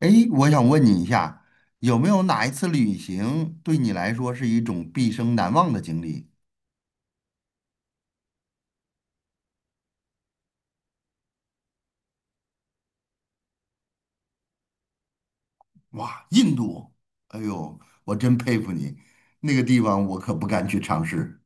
诶，我想问你一下，有没有哪一次旅行对你来说是一种毕生难忘的经历？哇，印度，哎呦，我真佩服你，那个地方我可不敢去尝试。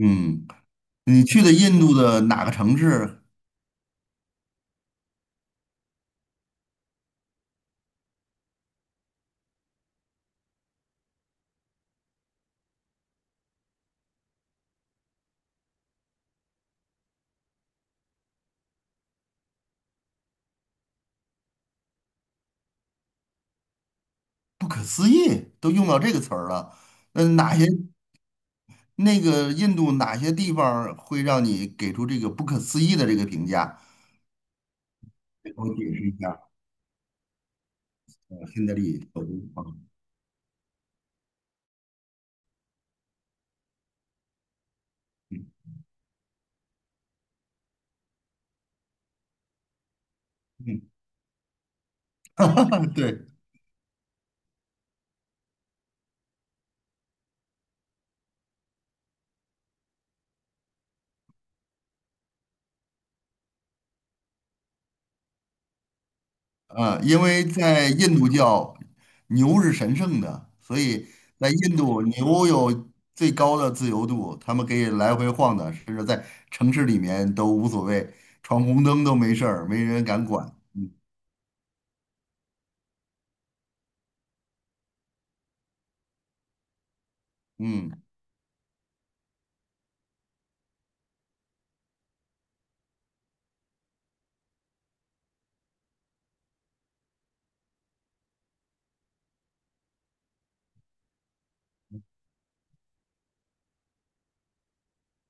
嗯，你去的印度的哪个城市？不可思议，都用到这个词儿了。嗯，哪些那个印度哪些地方儿会让你给出这个不可思议的这个评价？给我解释一下，新德里首都啊。嗯，对。嗯，因为在印度教，牛是神圣的，所以在印度牛有最高的自由度，他们可以来回晃的，甚至在城市里面都无所谓，闯红灯都没事儿，没人敢管。嗯，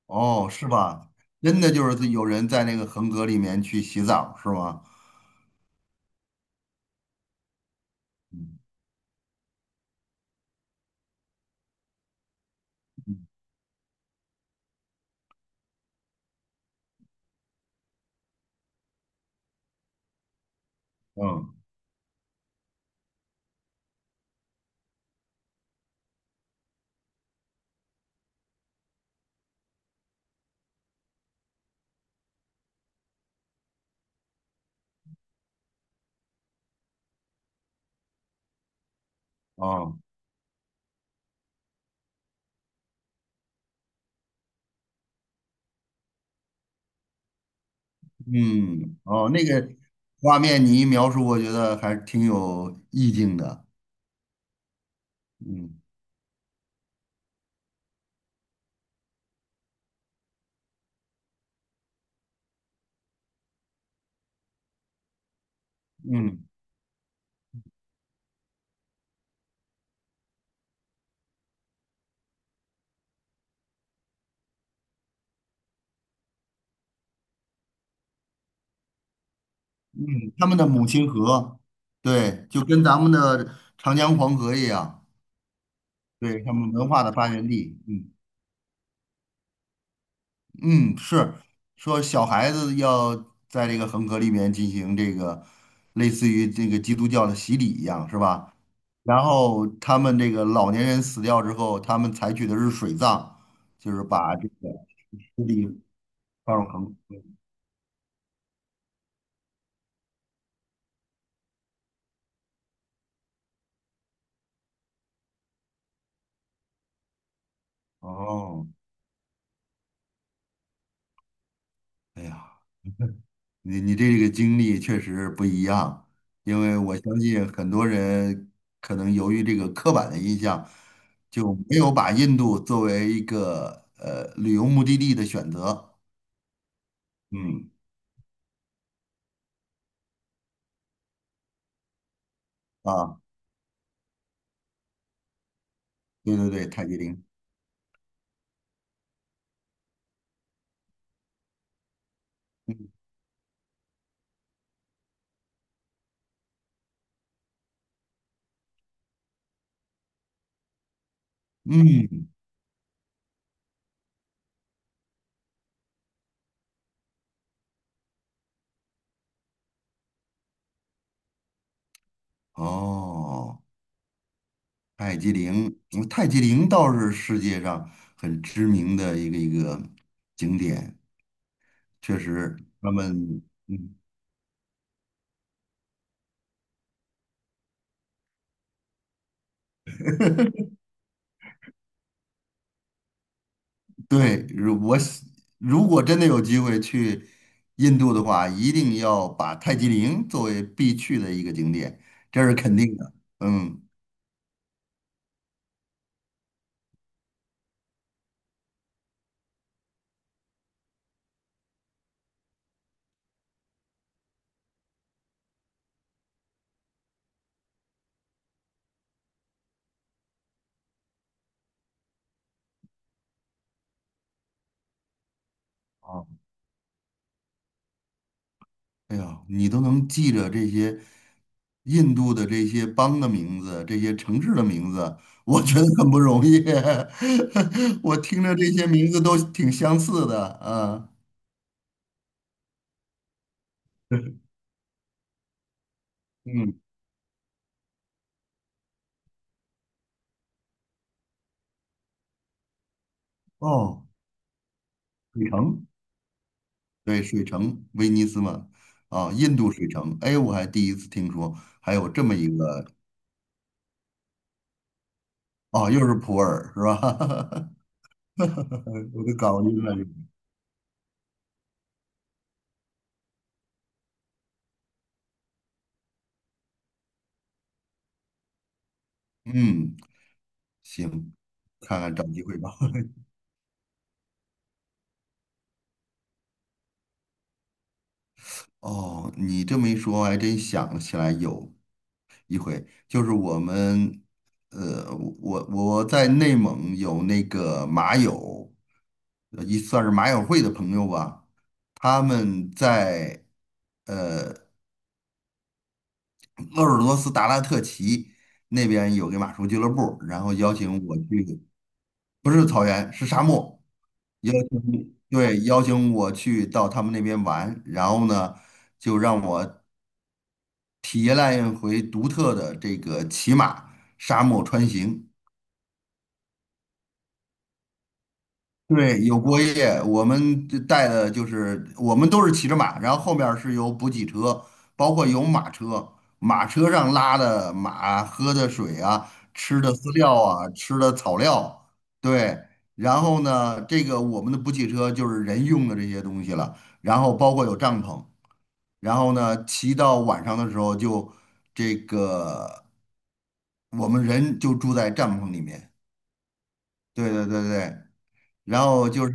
哦，是吧？真的就是有人在那个恒河里面去洗澡，是吗？嗯嗯嗯哦嗯哦，那个画面你一描述，我觉得还挺有意境的。嗯嗯嗯，他们的母亲河，对，就跟咱们的长江黄河一样，对，他们文化的发源地。嗯嗯，是说小孩子要在这个恒河里面进行这个类似于这个基督教的洗礼一样，是吧？然后他们这个老年人死掉之后，他们采取的是水葬，就是把这个尸体放入恒。哦，哎呀。你这个经历确实不一样，因为我相信很多人可能由于这个刻板的印象，就没有把印度作为一个旅游目的地的选择。嗯，啊，对对对，泰姬陵。嗯，哦，泰姬陵，嗯泰姬陵倒是世界上很知名的一个景点，确实他们。嗯。对，如我喜如果真的有机会去印度的话，一定要把泰姬陵作为必去的一个景点，这是肯定的。嗯，哦，哎呀，你都能记着这些印度的这些邦的名字，这些城市的名字，我觉得很不容易。我听着这些名字都挺相似的，啊，嗯，哦，北城。对，水城，威尼斯嘛，啊，印度水城，哎，我还第一次听说还有这么一个，哦，又是普洱是吧？我都搞晕了这个嗯，行，看看找机会吧。哦，你这么一说，我还真想起来有一回，就是我们，呃，我在内蒙有那个马友，算是马友会的朋友吧，他们在。鄂尔多斯达拉特旗那边有个马术俱乐部，然后邀请我去，不是草原，是沙漠，邀请，对，邀请我去到他们那边玩，然后呢，就让我体验了一回独特的这个骑马沙漠穿行。对，有过夜，我们带的就是我们都是骑着马，然后后面儿是有补给车，包括有马车，马车上拉的马喝的水啊，吃的饲料啊，吃的草料，对。然后呢，这个我们的补给车就是人用的这些东西了，然后包括有帐篷，然后呢，骑到晚上的时候就这个我们人就住在帐篷里面，对对对对。然后就是，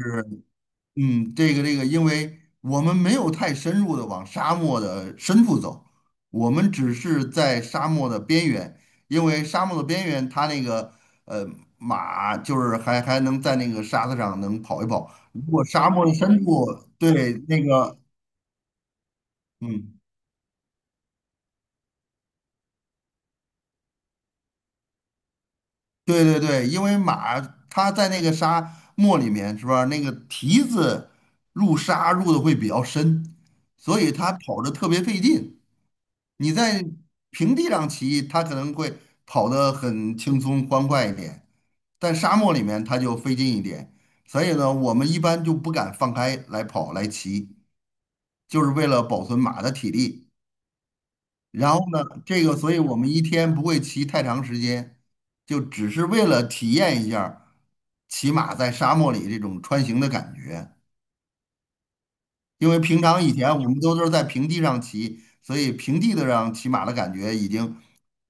嗯，这个，因为我们没有太深入的往沙漠的深处走，我们只是在沙漠的边缘，因为沙漠的边缘它那个呃马就是还能在那个沙子上能跑一跑，如果沙漠的深处，对那个嗯。对对对，因为马它在那个沙漠里面是吧？那个蹄子入沙入的会比较深，所以它跑着特别费劲。你在平地上骑，它可能会跑得很轻松欢快一点，但沙漠里面它就费劲一点。所以呢，我们一般就不敢放开来跑来骑，就是为了保存马的体力。然后呢，这个，所以我们一天不会骑太长时间，就只是为了体验一下骑马在沙漠里这种穿行的感觉。因为平常以前我们都是在平地上骑，所以平地的上骑马的感觉已经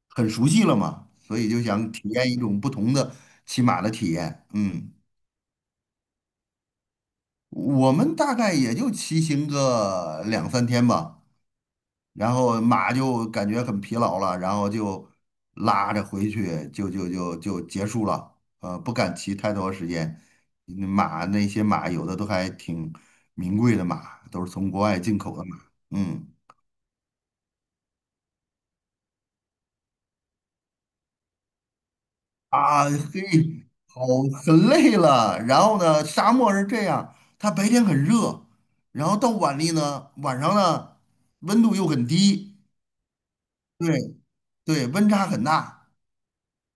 很熟悉了嘛，所以就想体验一种不同的骑马的体验。嗯，我们大概也就骑行个两三天吧，然后马就感觉很疲劳了，然后就拉着回去，就结束了。不敢骑太多时间，马那些马有的都还挺名贵的马，都是从国外进口的马。嗯。啊，嘿，好，很累了。然后呢，沙漠是这样，它白天很热，然后到晚里呢，晚上呢，温度又很低，对对，温差很大，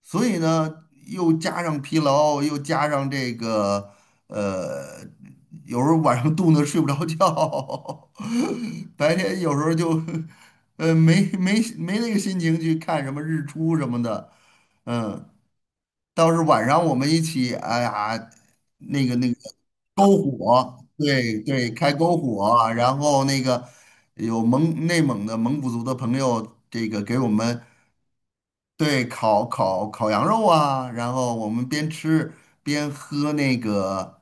所以呢，又加上疲劳，又加上这个，呃，有时候晚上冻得睡不着觉，白天有时候就，没那个心情去看什么日出什么的，嗯。倒是晚上我们一起，哎呀，那个篝火，对对，开篝火，然后那个有蒙内蒙的蒙古族的朋友，这个给我们对烤羊肉啊，然后我们边吃边喝那个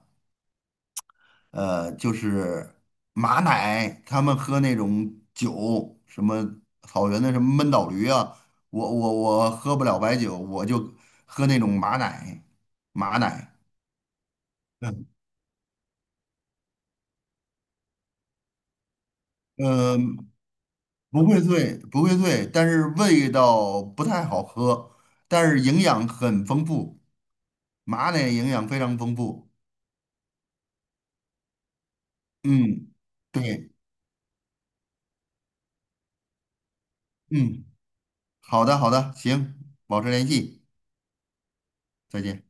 就是马奶，他们喝那种酒，什么草原的什么闷倒驴啊，我喝不了白酒，我就喝那种马奶，马奶。嗯，不会醉，不会醉，但是味道不太好喝，但是营养很丰富，马奶营养非常丰富。嗯，对，嗯，好的，好的，行，保持联系，再见。